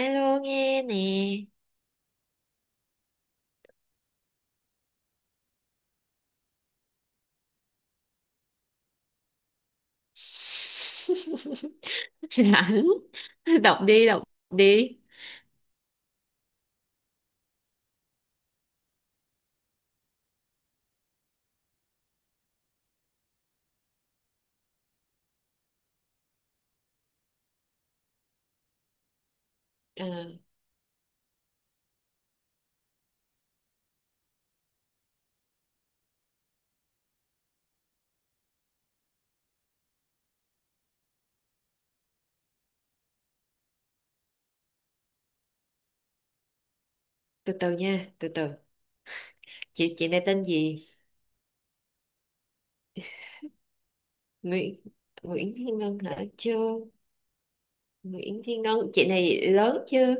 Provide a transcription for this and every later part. Alo nghe nè. Rảnh. Đọc đi, đọc đi. Ờ, từ từ nha, từ từ. Chị này tên gì? Nguyễn Nguyễn Thiên Ngân hả? Chưa. Nguyễn Thiên Ngân. Chị này lớn chưa?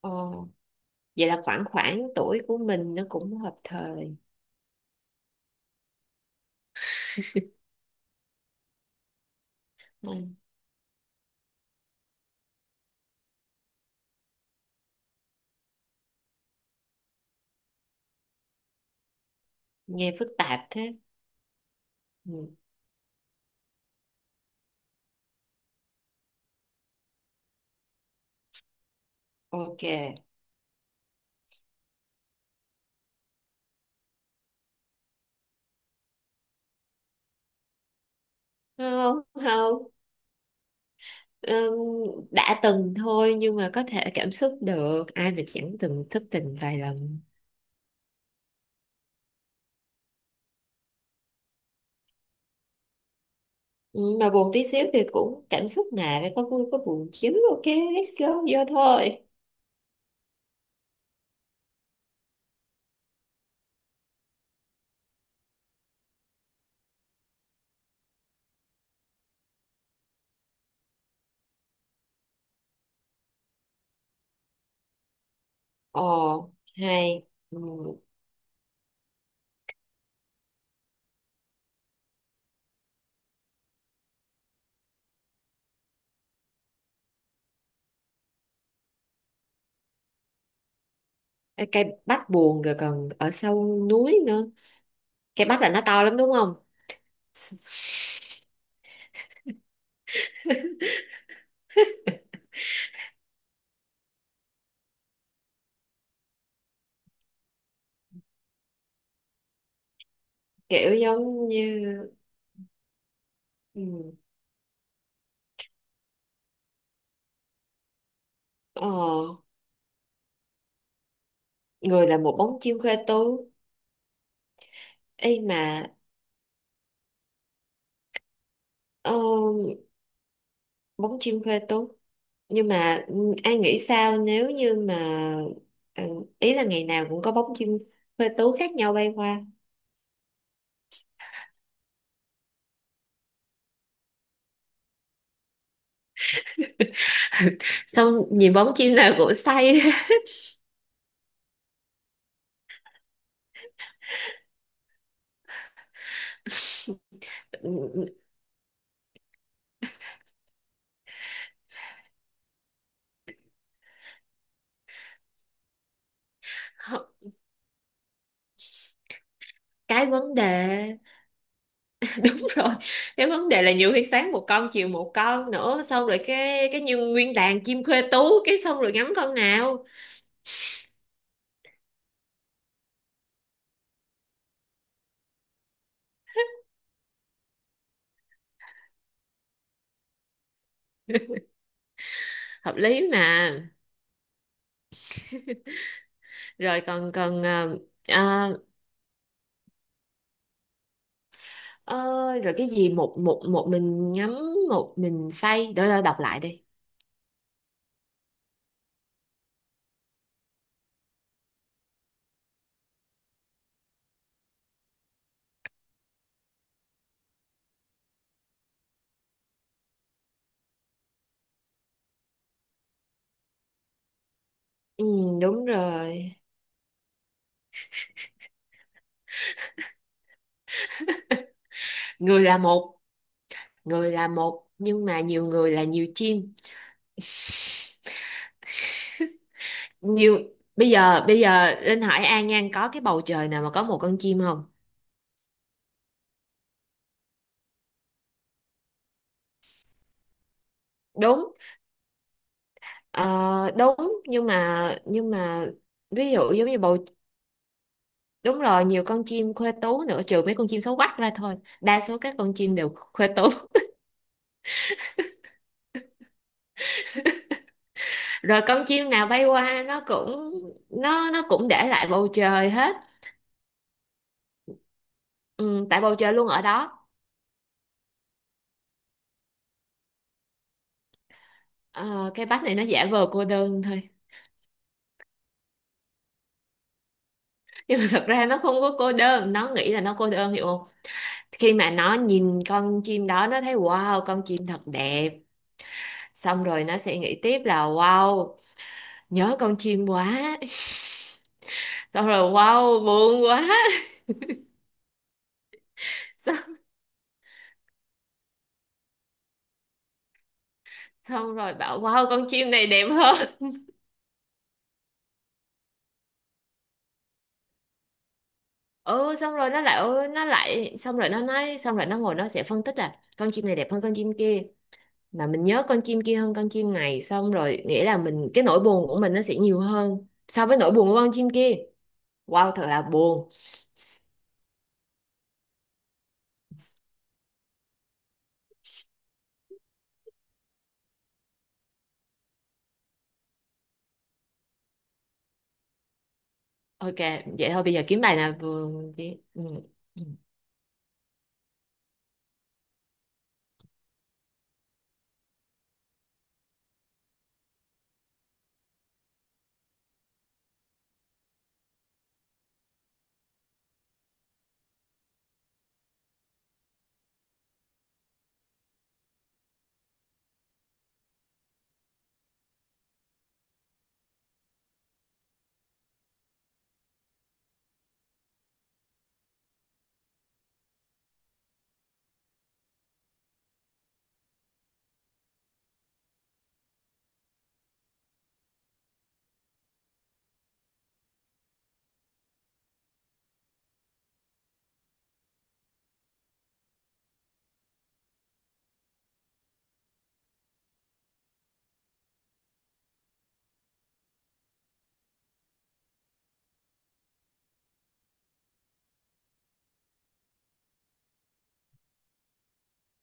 Ồ. Vậy là khoảng khoảng tuổi của mình. Nó cũng hợp thời. Ừ. Nghe phức tạp thế. Ừ. Ok. Không, không. Ừm, đã từng thôi, nhưng mà có thể cảm xúc được, ai mà chẳng từng thất tình vài lần. Mà buồn tí xíu thì cũng cảm xúc, mà phải có vui có buồn chứ. Ok, let's go vô thôi. Ồ, hay. Ừm, cái cây bách buồn rồi còn ở sâu núi nữa, cây bách là nó to lắm đúng không? Kiểu giống như, ừ, ờ, người là một bóng chim khoe tú. Ê mà, ờ, bún chiên quê tú. Nhưng mà ừ, ai nghĩ sao nếu như mà ừ, ý là ngày nào cũng có bóng chim quê tú khác nhau bay qua. Xong nhìn bóng chim nào cũng say. Ừ, hơ- cái vấn đề. Đúng rồi. Cái vấn đề là nhiều khi sáng một con, chiều một con nữa, xong rồi cái như nguyên đàn chim thuê tú, cái xong rồi ngắm con nào? Hợp lý mà. Rồi còn còn ờ, ờ, ờ, rồi cái gì, một một một mình ngắm, một mình say, đỡ đỡ đọc lại đi. Ừ, đúng rồi. Người là một, người là một, nhưng mà nhiều người là nhiều chim. Nhiều. Bây giờ Linh hỏi An Nhan, có cái bầu trời nào mà có một con chim không? Đúng. Ờ, đúng. Nhưng mà ví dụ giống như bầu. Đúng rồi, nhiều con chim khuê tú nữa, trừ mấy con chim xấu quắc ra thôi. Đa số các con chim đều khuê tú. Rồi con chim nào bay qua nó cũng, nó cũng để lại bầu trời hết. Ừ, tại bầu trời luôn ở đó. Ờ, cái bách này nó giả vờ cô đơn thôi. Nhưng mà thật ra nó không có cô đơn, nó nghĩ là nó cô đơn, hiểu không? Khi mà nó nhìn con chim đó, nó thấy wow, con chim thật đẹp. Xong rồi nó sẽ nghĩ tiếp là wow, nhớ con chim quá. Xong rồi wow, buồn quá. xong, xong rồi bảo wow, con chim này đẹp hơn. Ừ, xong rồi nó lại xong rồi nó nói, xong rồi nó ngồi, nó sẽ phân tích là con chim này đẹp hơn con chim kia, mà mình nhớ con chim kia hơn con chim này, xong rồi nghĩa là mình, cái nỗi buồn của mình nó sẽ nhiều hơn so với nỗi buồn của con chim kia. Wow, thật là buồn. Ok, vậy thôi, bây giờ kiếm bài nào vừa đi. Ừ. Ừ.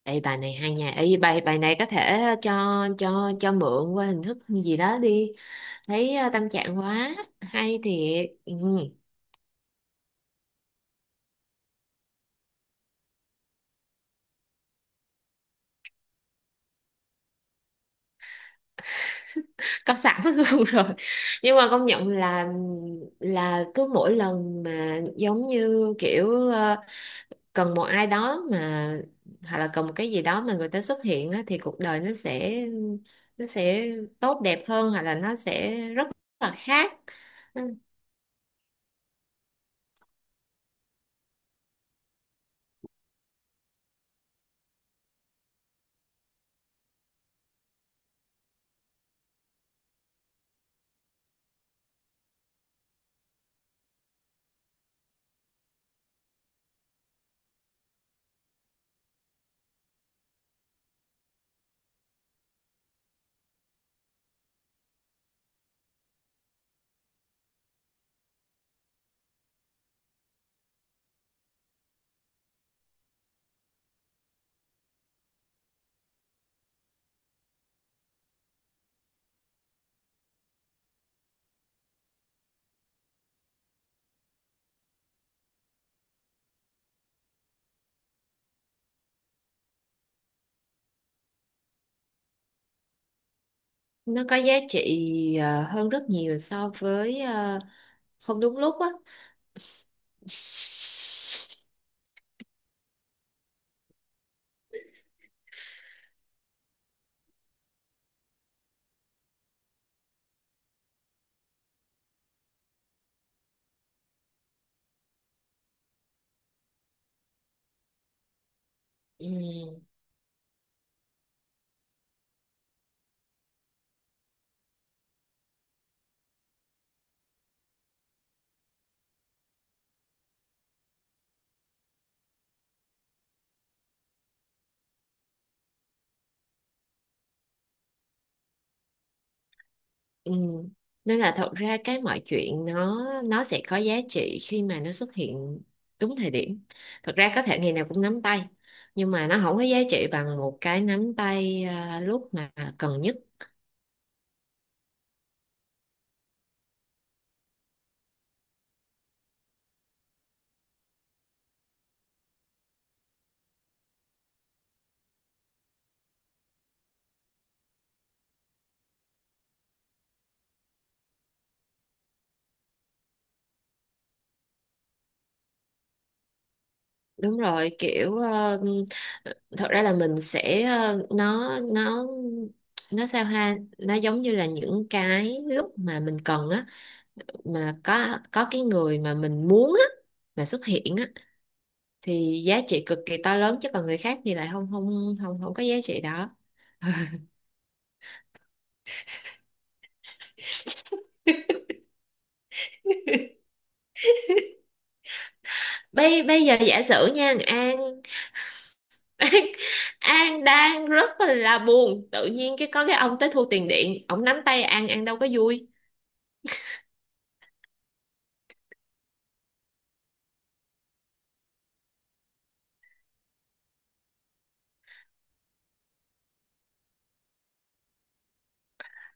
Ê, bài này hay nha. Ê, bài bài này có thể cho, cho mượn qua hình thức gì đó đi. Thấy ờ, tâm trạng quá. Hay thiệt. Ừ. Có sẵn luôn rồi. Nhưng mà công nhận là cứ mỗi lần mà giống như kiểu ờ, cần một ai đó, mà hoặc là cần một cái gì đó mà người ta xuất hiện á, thì cuộc đời nó sẽ tốt đẹp hơn, hoặc là nó sẽ rất là khác. Ừ, nó có giá trị ờ, hơn rất nhiều so với ờ, không đúng lúc á. Ừ. Ừ. Nên là thật ra cái mọi chuyện nó sẽ có giá trị khi mà nó xuất hiện đúng thời điểm. Thật ra có thể ngày nào cũng nắm tay, nhưng mà nó không có giá trị bằng một cái nắm tay à, lúc mà cần nhất. Đúng rồi, kiểu ờ, thật ra là mình sẽ ờ, nó nó sao ha, nó giống như là những cái lúc mà mình cần á, mà có cái người mà mình muốn á, mà xuất hiện á, thì giá trị cực kỳ to lớn, chứ còn người khác thì lại không không không không có giá trị đó. bây bây giờ giả sử nha An. An, An, đang rất là buồn, tự nhiên cái có cái ông tới thu tiền điện, ông nắm tay An đâu có vui.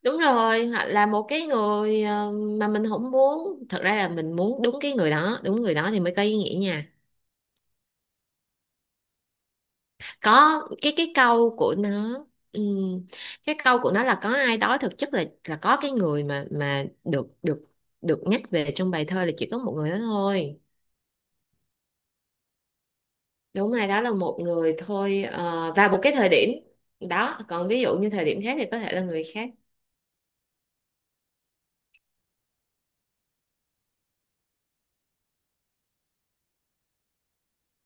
Đúng rồi, hoặc là một cái người ờ, mà mình không muốn, thật ra là mình muốn đúng cái người đó, đúng người đó thì mới có ý nghĩa nha. Có cái câu của nó, ừm, cái câu của nó là có ai đó, thực chất là có cái người mà được được được nhắc về trong bài thơ là chỉ có một người đó thôi. Đúng, ai đó là một người thôi, ờ, và một cái thời điểm đó, còn ví dụ như thời điểm khác thì có thể là người khác.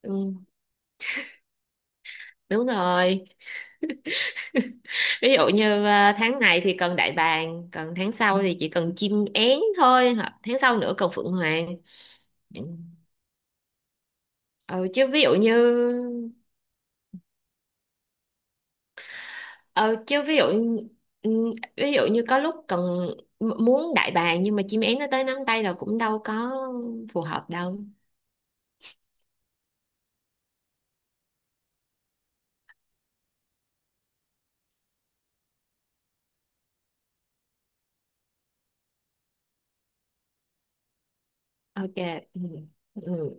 Ừm, đúng rồi. Ví dụ như ờ, tháng này thì cần đại bàng, còn tháng sau thì chỉ cần chim én thôi, hoặc tháng sau nữa cần phượng hoàng. Ừm. Ừ, chứ ví dụ như, ờ, chứ ví dụ ừ, ví dụ như có lúc cần muốn đại bàng, nhưng mà chim én nó tới nắm tay là cũng đâu có phù hợp đâu. Ok. Ừ. Ừ.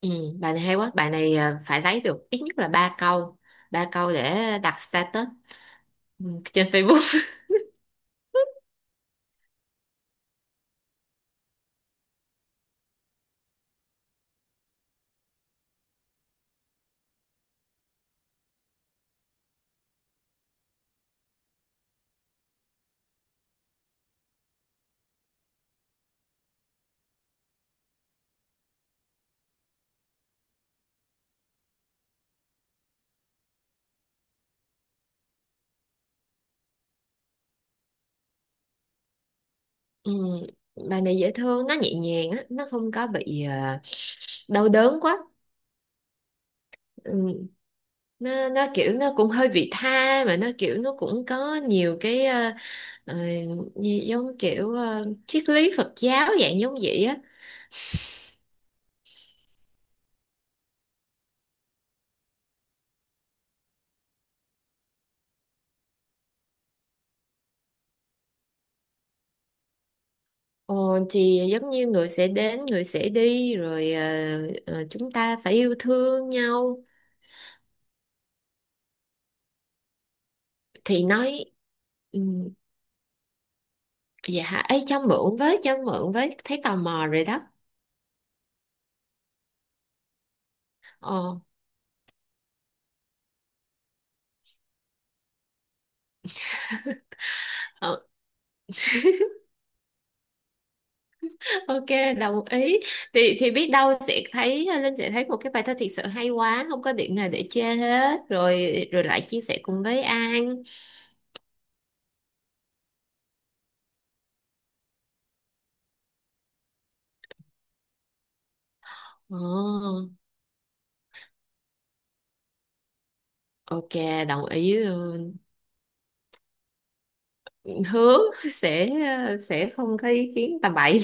Ừ. Bài này hay quá. Bài này à, phải lấy được ít nhất là ba câu. Ba câu để đặt status, ừ, trên Facebook. Ừ. Bài này dễ thương, nó nhẹ nhàng á, nó không có bị à, đau đớn quá. Ừ. Nó kiểu, nó cũng hơi vị tha, mà nó kiểu, nó cũng có nhiều cái ờ, ờ, như giống kiểu ờ, triết lý Phật giáo dạng giống vậy á. Ờ, thì giống như người sẽ đến, người sẽ đi, rồi ờ, ờ, chúng ta phải yêu thương nhau. Thì nói um, dạ hả, ấy cho mượn với, cho mượn với, thấy tò mò rồi đó. Ờ, ờ. Ok, đồng ý. Thì biết đâu sẽ thấy ờ, Linh sẽ thấy một cái bài thơ thiệt sự hay quá, không có điểm nào để chê hết rồi, rồi lại chia sẻ cùng với An. Ồ, ok, đồng ý luôn. Hứa sẽ sẽ không có ý kiến tầm bậy.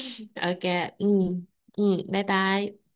Ok, ừ, ừ, bye bye.